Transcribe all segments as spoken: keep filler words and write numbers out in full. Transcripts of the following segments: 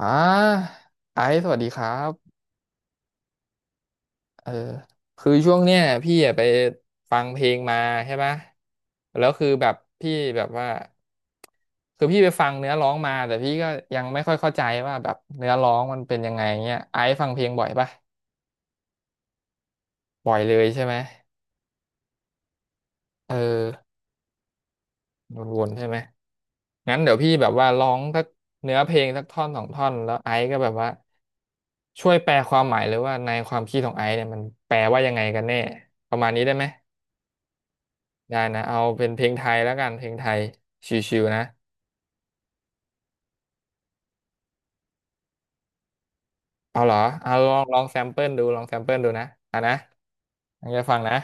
อ่าไอซ์สวัสดีครับเออคือช่วงเนี้ยพี่อะไปฟังเพลงมาใช่ปะแล้วคือแบบพี่แบบว่าคือพี่ไปฟังเนื้อร้องมาแต่พี่ก็ยังไม่ค่อยเข้าใจว่าแบบเนื้อร้องมันเป็นยังไงเงี้ยไอซ์ฟังเพลงบ่อยปะบ่อยเลยใช่ไหมเออวนๆใช่ไหมงั้นเดี๋ยวพี่แบบว่าร้องสักเนื้อเพลงสักท่อนสองท่อนแล้วไอซ์ก็แบบว่าช่วยแปลความหมายเลยว่าในความคิดของไอซ์เนี่ยมันแปลว่ายังไงกันแน่ประมาณนี้ได้ไหม ได้นะเอาเป็นเพลงไทยแล้วกันเพลงไทยชิวๆนะเอาเหรอเอาลองลองแซมเปิลดูลองแซมเปิลดูนะอ่ะนะตั้งใจฟังนะ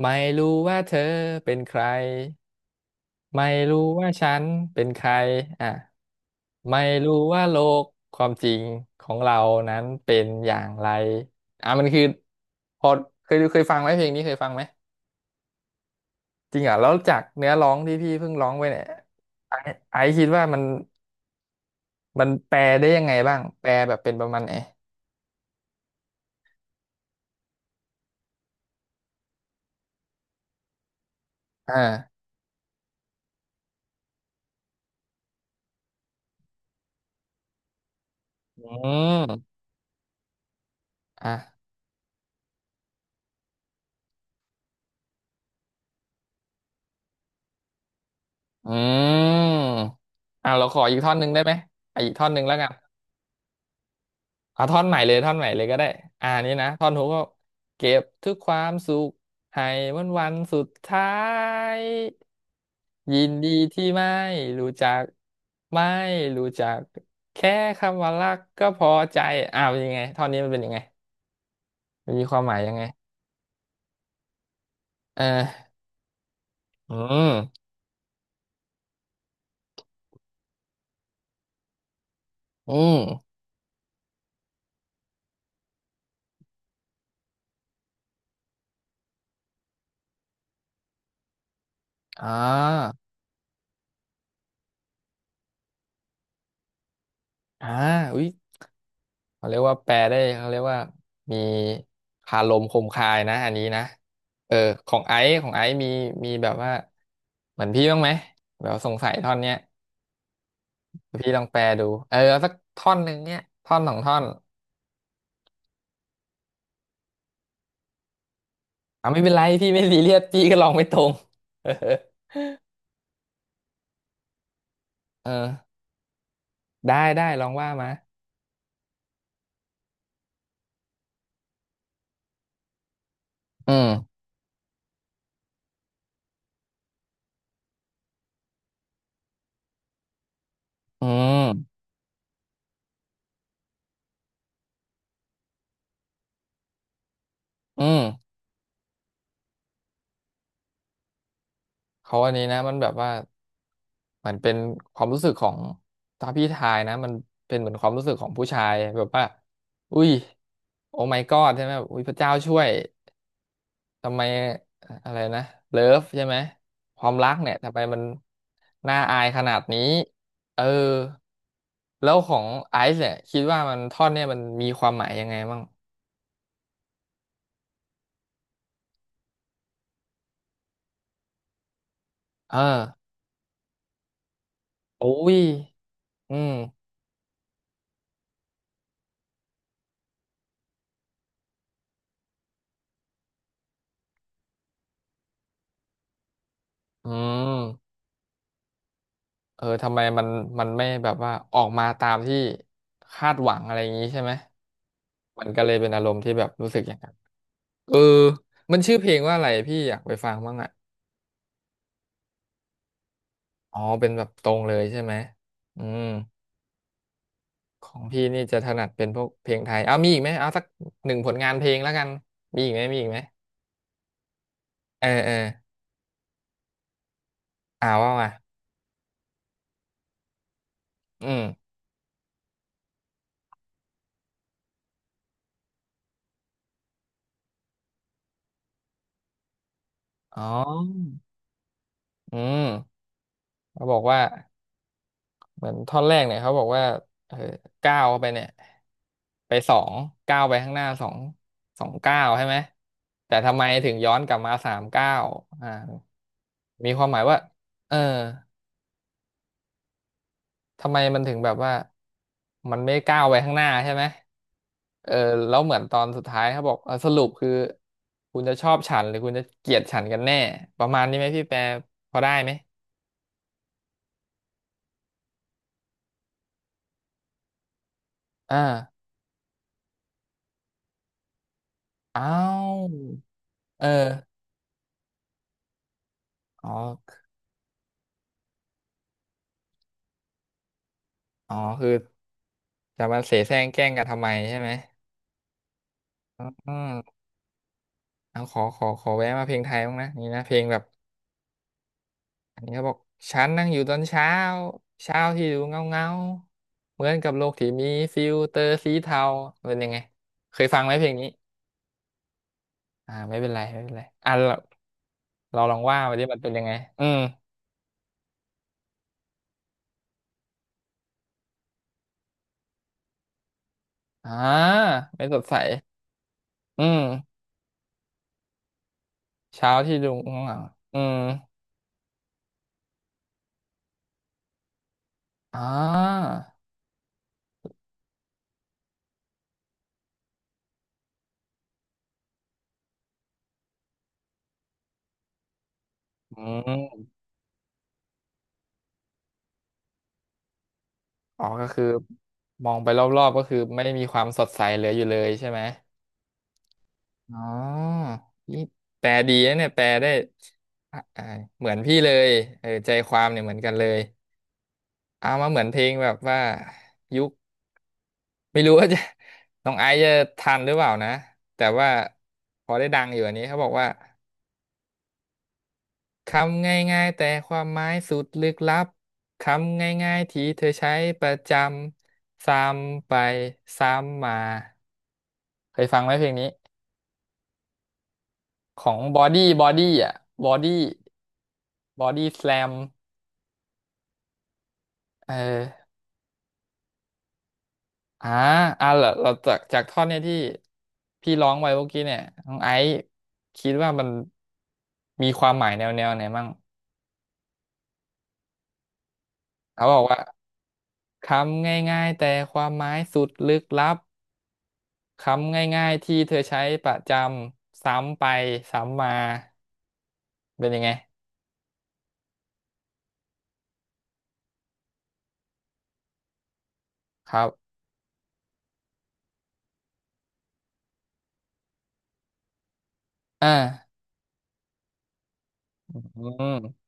ไม่รู้ว่าเธอเป็นใคร ไม่รู้ว่าฉันเป็นใครอ่ะไม่รู้ว่าโลกความจริงของเรานั้นเป็นอย่างไรอ่ะมันคือพอเคยเคยฟังไหมเพลงนี้เคยฟังไหมจริงเหรอแล้วจากเนื้อร้องที่พี่เพิ่งร้องไปเนี่ยไอไอซ์คิดว่ามัน มันแปลได้ยังไงบ้างแปลแบบเป็นประมาณไหนอ่าอืมอ่ะอืมอ่ะเราขออีกท่อนหนึ่งได้ไหมอ่ะอีกท่อนหนึ่งแล้วกันเอาท่อนใหม่เลยท่อนใหม่เลยก็ได้อ่านี่นะท่อนฮุกก็เก็บทุกความสุขให้วันวันสุดท้ายยินดีที่ไม่รู้จักไม่รู้จักแค่คำว่ารักก็พอใจอ้าวยังไงท่อนนี้มันเป็นยังไงมันมีความหมายยังไงเอออืมอืม อ่าอ่าอุ๊ยเขาเรียกว่าแปลได้เขาเรียกว่ามีคาลมคมคายนะอันนี้นะเออของไอซ์ของไอซ์มีมีแบบว่าเหมือนพี่บ้างไหมแบบสงสัยท่อนเนี้ยพี่ลองแปลดูเออเอาสักท่อนหนึ่งเนี้ยท่อนสองท่อนอ่าไม่เป็นไรพี่ไม่ซีเรียสพี่ก็ลองไม่ตรง เออเออได้ได้ลองว่ามาอืมอืมอืมเขาอันนี้นะมันแบบว่า มันเป็นความรู้สึกของถ้าพี่ทายนะมันเป็นเหมือนความรู้สึกของผู้ชายแบบว่าอุ้ยโอ้ my god ใช่ไหมแบบอุ้ยพระเจ้าช่วยทำไมอะไรนะเลิฟใช่ไหมความรักเนี่ยทำไมมันน่าอายขนาดนี้เออแล้วของไอซ์เนี่ยคิดว่ามันท่อนเนี่ยมันมีความหมายยังไงบ้างเออโอ้ยอืมอืมเออทำไมมันมันไม่แบบว่าออกมาตามที่คาดหวังอะไรอย่างนี้ใช่ไหม มันก็เลยเป็นอารมณ์ที่แบบรู้สึกอย่างนั้นเออมันชื่อเพลงว่าอะไรพี่อยากไปฟังบ้างอ่ะอ๋อเป็นแบบตรงเลยใช่ไหมอืมของพี่นี่จะถนัดเป็นพวกเพลงไทยเอามีอีกไหมเอาสักหนึ่งผลงานเพลงแล้วกันมีอีกไหมมีอีกไหมเออเอออ่าว่ามาอืมอ๋ออืมเขาบอกว่า เหมือนท่อนแรกเนี่ยเขาบอกว่าเออก้าวเขาไปเนี่ยไปสองก้าวไปข้างหน้าสองสองก้าวใช่ไหมแต่ทำไมถึงย้อนกลับมาสามก้าวอ่ามีความหมายว่าเออทำไมมันถึงแบบว่ามันไม่ก้าวไปข้างหน้าใช่ไหมเออแล้วเหมือนตอนสุดท้ายเขาบอกเออสรุปคือคุณจะชอบฉันหรือคุณจะเกลียดฉันกันแน่ประมาณนี้ไหมพี่แปรพอได้ไหมอ่าอ้าวเอออ๋ออ๋อคือ จะมาเสแสร้งแกล้งกันทำไมใช่ไหมอืมเอาขอขอขอแวะมาเพลงไทยบ้างนะนี่นะเพลงแบบอันนี้เขาบอกฉันนั่งอยู่ตอนเช้าเช้าที่ดูเงาเงาเหมือนกับโลกที่มีฟิลเตอร์สีเทาเป็นยังไงเคยฟังไหมเพลงนี้อ่าไม่เป็นไรไม่เป็นไรอ่ะเราเราลองว่ามาดิมันเป็นยังไงอืมอ่าไม่สดใสอืมเช้าที่ดูเงาเงาอืมอ่าอืม อ๋อ ก็คือมองไปรอบๆ ก็คือไม่มีความสดใสเหลืออยู่เลยใช่ไหมอ๋อนี่แปลดีนะเนี่ยแปลได้อ่ะอ่ะเหมือนพี่เลยเออใจความเนี่ยเหมือนกันเลยเอามาเหมือนเพลงแบบว่ายุคไม่รู้ว่าจะ น้องไอซ์จะทันหรือเปล่านะแต่ว่าพอได้ดังอยู่อันนี้เขาบอกว่า คำง่ายๆแต่ความหมายสุดลึกลับคำง่ายๆที่เธอใช้ประจำซ้ำไปซ้ำมาเคยฟังไหมเพลงนี้ของบอดี้บอดี้อ่ะบอดี้บอดี้สแลมเอออ่าอ่าเราเราจากจากท่อนเนี่ยที่พี่ร้องไว้เมื่อกี้เนี่ยน้องไอซ์คิดว่ามันมีความหมายแนวแนวไหนมั่งเขาบอกว่าคำง่ายๆแต่ความหมายสุดลึกลับ คำง่ายๆที่เธอใช้ประจำซ้ำไปซ้ำมาเป็นยังไงครับอ่าอืม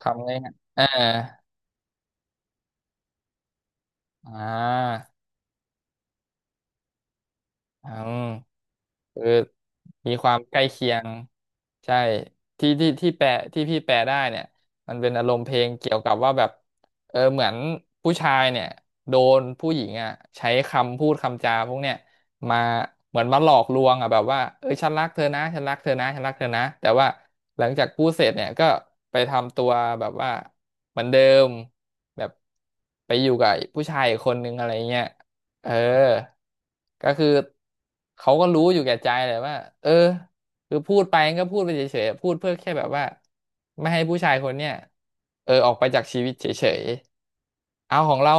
คำง่ายๆอ่าอ่าอืม คือมีความใกล้เคียงใช่ที่ที่ที่แปลที่พี่แปลได้เนี่ยมันเป็นอารมณ์เพลงเกี่ยวกับว่าแบบเออเหมือนผู้ชายเนี่ยโดนผู้หญิงอ่ะใช้คำพูดคำจาพวกเนี่ยมาเหมือนมาหลอกลวงอ่ะแบบว่าเออฉันรักเธอนะฉันรักเธอนะฉันรักเธอนะแต่ว่าหลังจากพูดเสร็จเนี่ยก็ไปทำตัวแบบว่าเหมือนเดิมแบบไปอยู่กับผู้ชายอีกคนนึงอะไรเงี้ย เออก็คือเขาก็รู้อยู่แก่ใจแหละว่าเออคือพูดไปก็พูดไปเฉยๆพูดเพื่อแค่แบบว่าไม่ให้ผู้ชายคนเนี้ยเออออกไปจากชีวิตเฉยๆเอาของเรา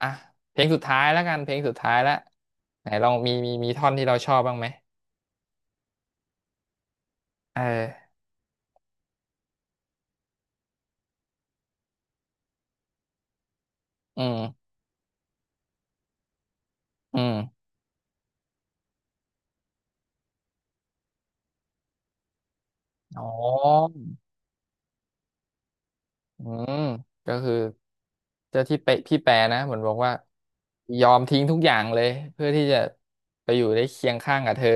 อ่ะเพลงสุดท้ายแล้วกัน เพลงสุดท้ายแล้วไหนลองมีมีมีท่อนที่เราชอบบ้างไหมเอออืมอืมอ๋อ อืมก็คือเจ้าที่เปพี่แปรนะเหมือนบอกว่ายอมทิ้งทุกอย่างเลยเพื่อที่จะไปอยู่ได้เคียงข้างกับเธอ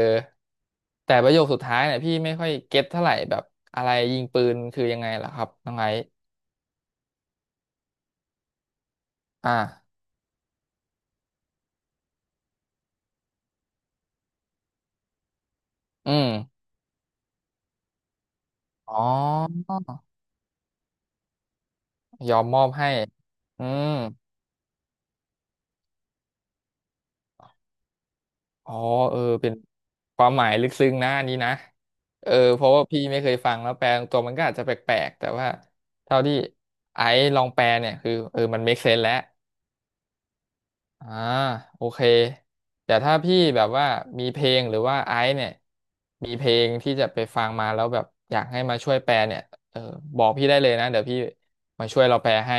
แต่ประโยคสุดท้ายเนี่ยพี่ไม่ค่อยเก็ตเท่าไหร่แบบอะไรยิงปืนคือยังไงล่ะครับน้องไอซ์อ่าอืมอ๋อยอมมอบให้อืม อ๋อเออเป็นความหมายลึกซึ้งนะอันนี้นะเออเพราะว่าพี่ไม่เคยฟังแล้วแปลตัวมันก็อาจจะแปลกๆแต่ว่าเท่าที่ไอ้ลองแปลเนี่ยคือเออมัน เมค เซนส์ แล้วอ่าโอเคแต่ถ้าพี่แบบว่ามีเพลงหรือว่าไอ้เนี่ยมีเพลงที่จะไปฟังมาแล้วแบบอยากให้มาช่วยแปลเนี่ยเออบอกพี่ได้เลยนะเดี๋ยวพี่มาช่วยเราแปลให้